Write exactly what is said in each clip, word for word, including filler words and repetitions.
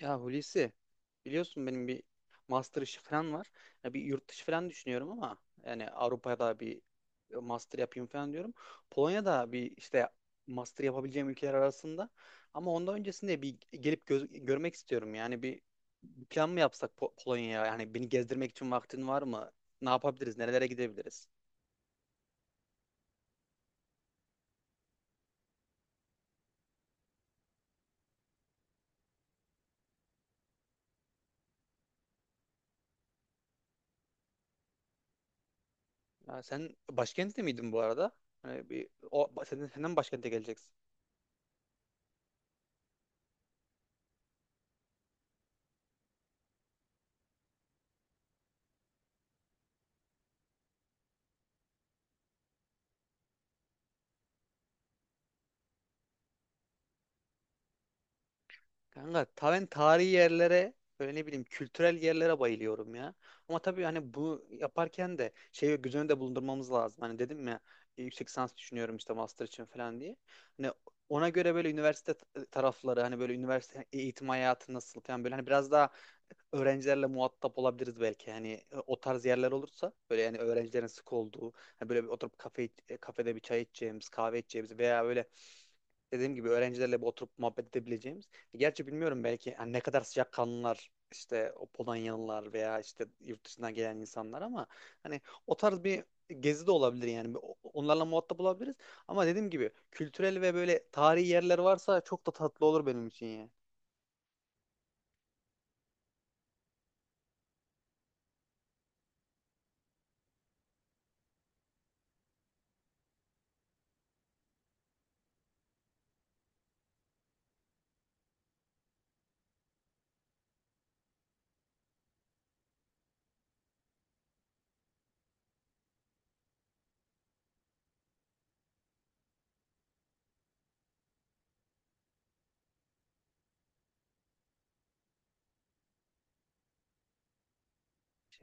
Ya Hulusi, biliyorsun benim bir master işi falan var. Ya bir yurt dışı falan düşünüyorum ama yani Avrupa'da bir e, master yapayım falan diyorum. Polonya'da bir işte master yapabileceğim ülkeler arasında, ama ondan öncesinde bir gelip göz- görmek istiyorum. Yani bir, bir plan mı yapsak Po- Polonya'ya? Yani beni gezdirmek için vaktin var mı? Ne yapabiliriz? Nerelere gidebiliriz? Ya sen başkentte miydin bu arada? Hani bir o, senin, senden başkente geleceksin. Kanka ta ben tarihi yerlere, böyle ne bileyim, kültürel yerlere bayılıyorum ya. Ama tabii hani bu yaparken de şeyi göz önünde bulundurmamız lazım. Hani dedim ya, yüksek lisans düşünüyorum işte master için falan diye. Hani ona göre böyle üniversite t- tarafları, hani böyle üniversite e, eğitim hayatı nasıl falan, böyle hani biraz daha öğrencilerle muhatap olabiliriz belki. Hani e, o tarz yerler olursa, böyle yani öğrencilerin sık olduğu, hani böyle bir oturup kafe iç- e, kafede bir çay içeceğimiz, kahve içeceğimiz veya böyle dediğim gibi öğrencilerle bir oturup muhabbet edebileceğimiz. Gerçi bilmiyorum, belki hani ne kadar sıcakkanlılar işte o Polonyalılar veya işte yurt dışından gelen insanlar, ama hani o tarz bir gezi de olabilir yani. Bir- Onlarla muhatap olabiliriz. Ama dediğim gibi kültürel ve böyle tarihi yerler varsa çok da tatlı olur benim için yani.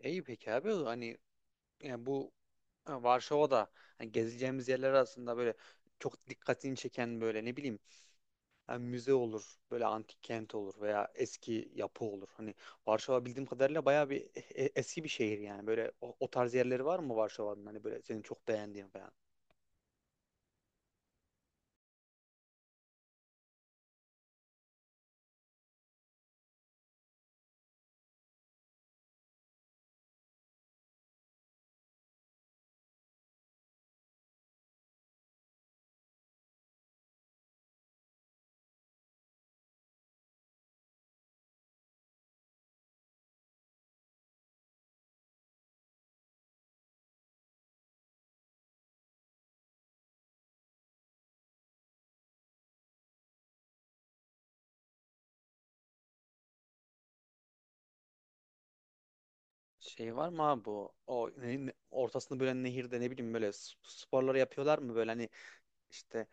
İyi, peki abi, hani yani bu e, Varşova'da hani gezeceğimiz yerler arasında böyle çok dikkatini çeken böyle ne bileyim. Yani müze olur, böyle antik kent olur veya eski yapı olur. Hani Varşova bildiğim kadarıyla bayağı bir e- e- eski bir şehir yani. Böyle o, o tarz yerleri var mı Varşova'nın? Hani böyle senin çok beğendiğin falan. Şey var mı abi bu? O ne- ne- ortasını bölen nehirde, ne bileyim, böyle s- sporları yapıyorlar mı? Böyle hani işte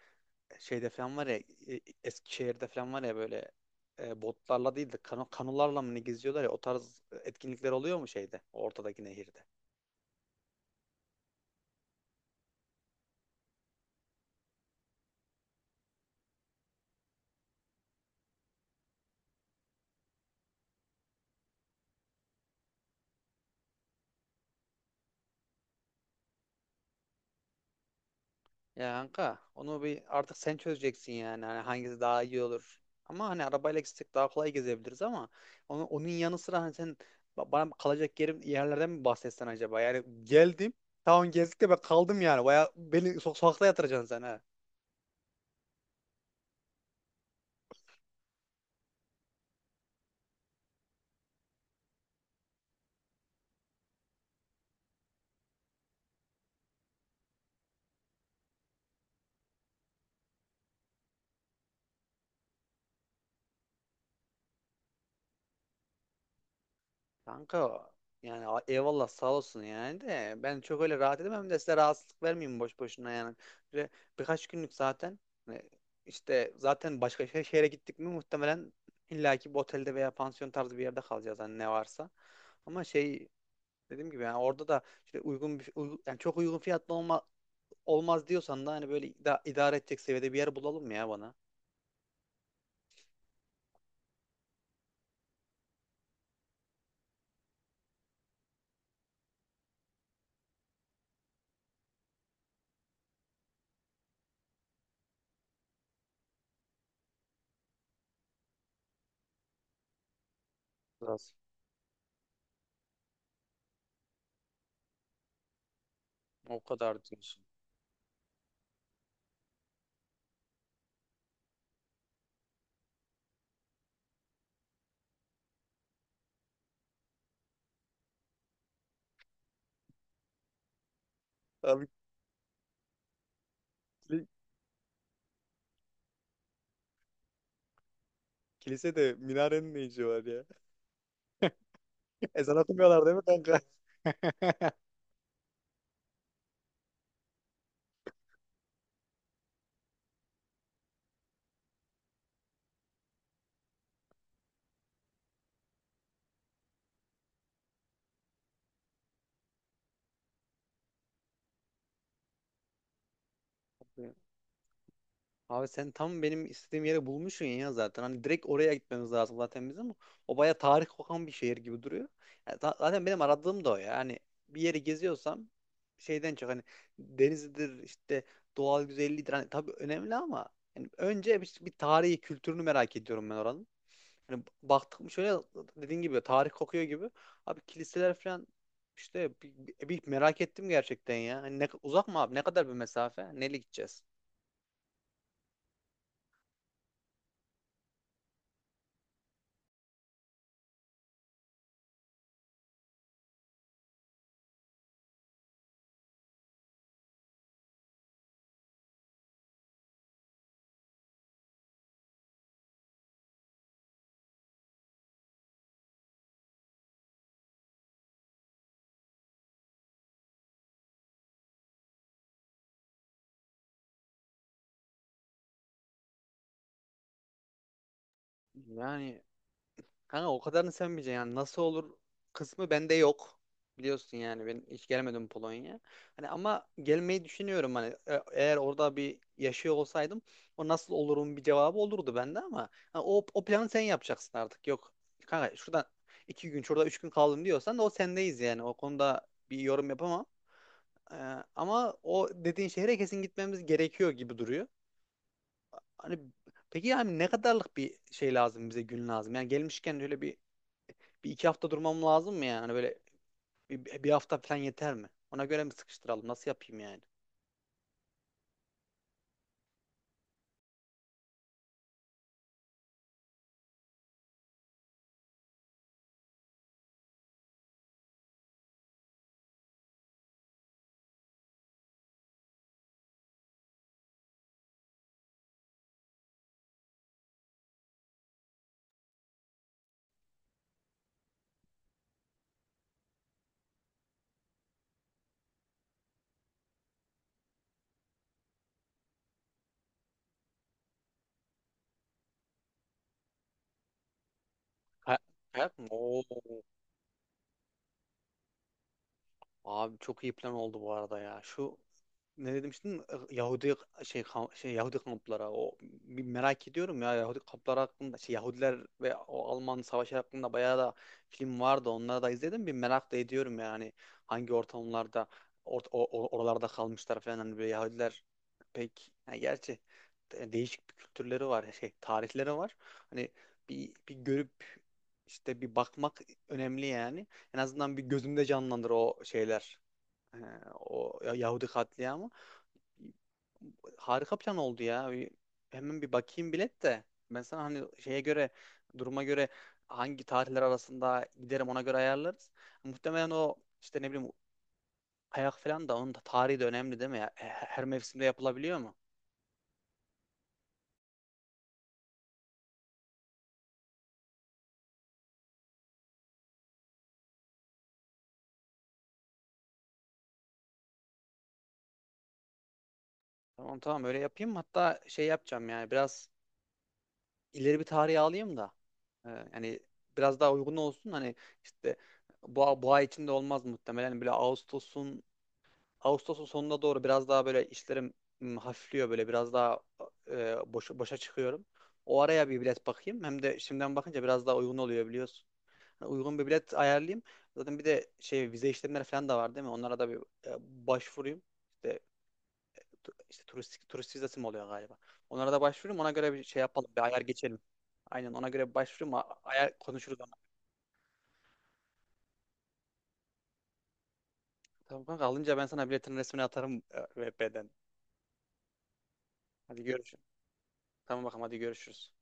şeyde falan var ya, e- Eskişehir'de falan var ya, böyle e, botlarla değil de kano, kanolarla mı ne geziyorlar ya, o tarz etkinlikler oluyor mu şeyde, ortadaki nehirde? Ya kanka, onu bir artık sen çözeceksin yani, hani hangisi daha iyi olur. Ama hani arabayla gitsek daha kolay gezebiliriz, ama onu, onun yanı sıra hani sen ba- bana kalacak yerim yerlerden mi bahsetsen acaba? Yani geldim, tamam, gezdik de ben kaldım yani. Baya beni so sokakta yatıracaksın sen ha. Kanka yani, a- eyvallah sağ olsun yani, de ben çok öyle rahat edemem de, size rahatsızlık vermeyeyim boş boşuna yani. Böyle birkaç günlük zaten, e, işte zaten başka şe- şehre gittik mi muhtemelen illaki bir otelde veya pansiyon tarzı bir yerde kalacağız, hani ne varsa. Ama şey, dediğim gibi yani orada da işte uygun bir uygu- yani çok uygun fiyatlı olma, olmaz diyorsan da hani böyle ida- idare edecek seviyede bir yer bulalım ya bana. Biraz. O kadar diyorsun. Abi, kili- kilise de minarenin ne işi var ya? Ezan atmıyorlar değil mi kanka? Abi sen tam benim istediğim yere bulmuşsun ya zaten. Hani direkt oraya gitmemiz lazım zaten bizim, o baya tarih kokan bir şehir gibi duruyor. Yani za- zaten benim aradığım da o ya. Hani bir yeri geziyorsam, şeyden çok hani denizidir, işte doğal güzelliğidir. Hani tabii önemli, ama yani önce bir, bir tarihi, kültürünü merak ediyorum ben oranın. Hani baktık mı, şöyle dediğin gibi tarih kokuyor gibi. Abi kiliseler falan, işte bir, bir- merak ettim gerçekten ya. Hani ne, uzak mı abi? Ne kadar bir mesafe? Neyle gideceğiz? Yani kanka, o kadarını sevmeyeceksin yani, nasıl olur kısmı bende yok. Biliyorsun yani ben hiç gelemedim Polonya. Hani ama gelmeyi düşünüyorum. Hani E- eğer orada bir yaşıyor olsaydım, o nasıl olurum bir cevabı olurdu bende, ama ha, o, o planı sen yapacaksın artık. Yok kanka, şurada iki gün, şurada üç gün kaldım diyorsan da o sendeyiz yani, o konuda bir yorum yapamam. Ee, Ama o dediğin şehre kesin gitmemiz gerekiyor gibi duruyor. Hani peki, yani ne kadarlık bir şey lazım bize, gün lazım? Yani gelmişken öyle bir bir iki hafta durmam lazım mı yani? Hani böyle bir, bir hafta falan yeter mi? Ona göre mi sıkıştıralım? Nasıl yapayım yani? Kayak, Kayak mı? Oo. Abi çok iyi plan oldu bu arada ya. Şu ne demiştin? Yahudi şey kam- şey Yahudi kampları. O bir merak ediyorum ya, Yahudi kampları hakkında, şey, Yahudiler ve o Alman savaşı hakkında bayağı da film vardı. Onları da izledim. Bir merak da ediyorum yani hangi ortamlarda, or- o- o- oralarda kalmışlar falan, hani böyle Yahudiler pek yani, gerçi de- değişik bir kültürleri var, şey, tarihleri var. Hani bir bir görüp, işte bir bakmak önemli yani. En azından bir gözümde canlandır o şeyler. Ee, O Yahudi katliamı. Harika plan oldu ya. Bir- Hemen bir bakayım bilet de. Ben sana hani şeye göre, duruma göre hangi tarihler arasında giderim, ona göre ayarlarız. Muhtemelen o işte, ne bileyim, kayak falan da, onun da tarihi de önemli değil mi ya? Her her mevsimde yapılabiliyor mu? Tamam tamam, öyle yapayım. Hatta şey yapacağım yani, biraz ileri bir tarihe alayım da. Ee, Yani biraz daha uygun olsun. Hani işte bu, bu ay içinde olmaz muhtemelen. Böyle Ağustos'un Ağustos'un sonuna doğru biraz daha böyle işlerim m, hafifliyor, böyle biraz daha e, boş, boşa çıkıyorum. O araya bir bilet bakayım. Hem de şimdiden bakınca biraz daha uygun oluyor biliyorsun. Yani uygun bir bilet ayarlayayım. Zaten bir de şey, vize işlemleri falan da var değil mi? Onlara da bir e, başvurayım. İşte, tu- işte turistik, turist vizesi mi oluyor galiba? Onlara da başvurayım. Ona göre bir şey yapalım. Bir ayar geçelim. Aynen, ona göre bir başvurayım. a- Ayar konuşuruz ama. Tamam kanka, alınca ben sana biletin resmini atarım e, V P'den. Hadi görüşürüz. Tamam bakalım, hadi görüşürüz.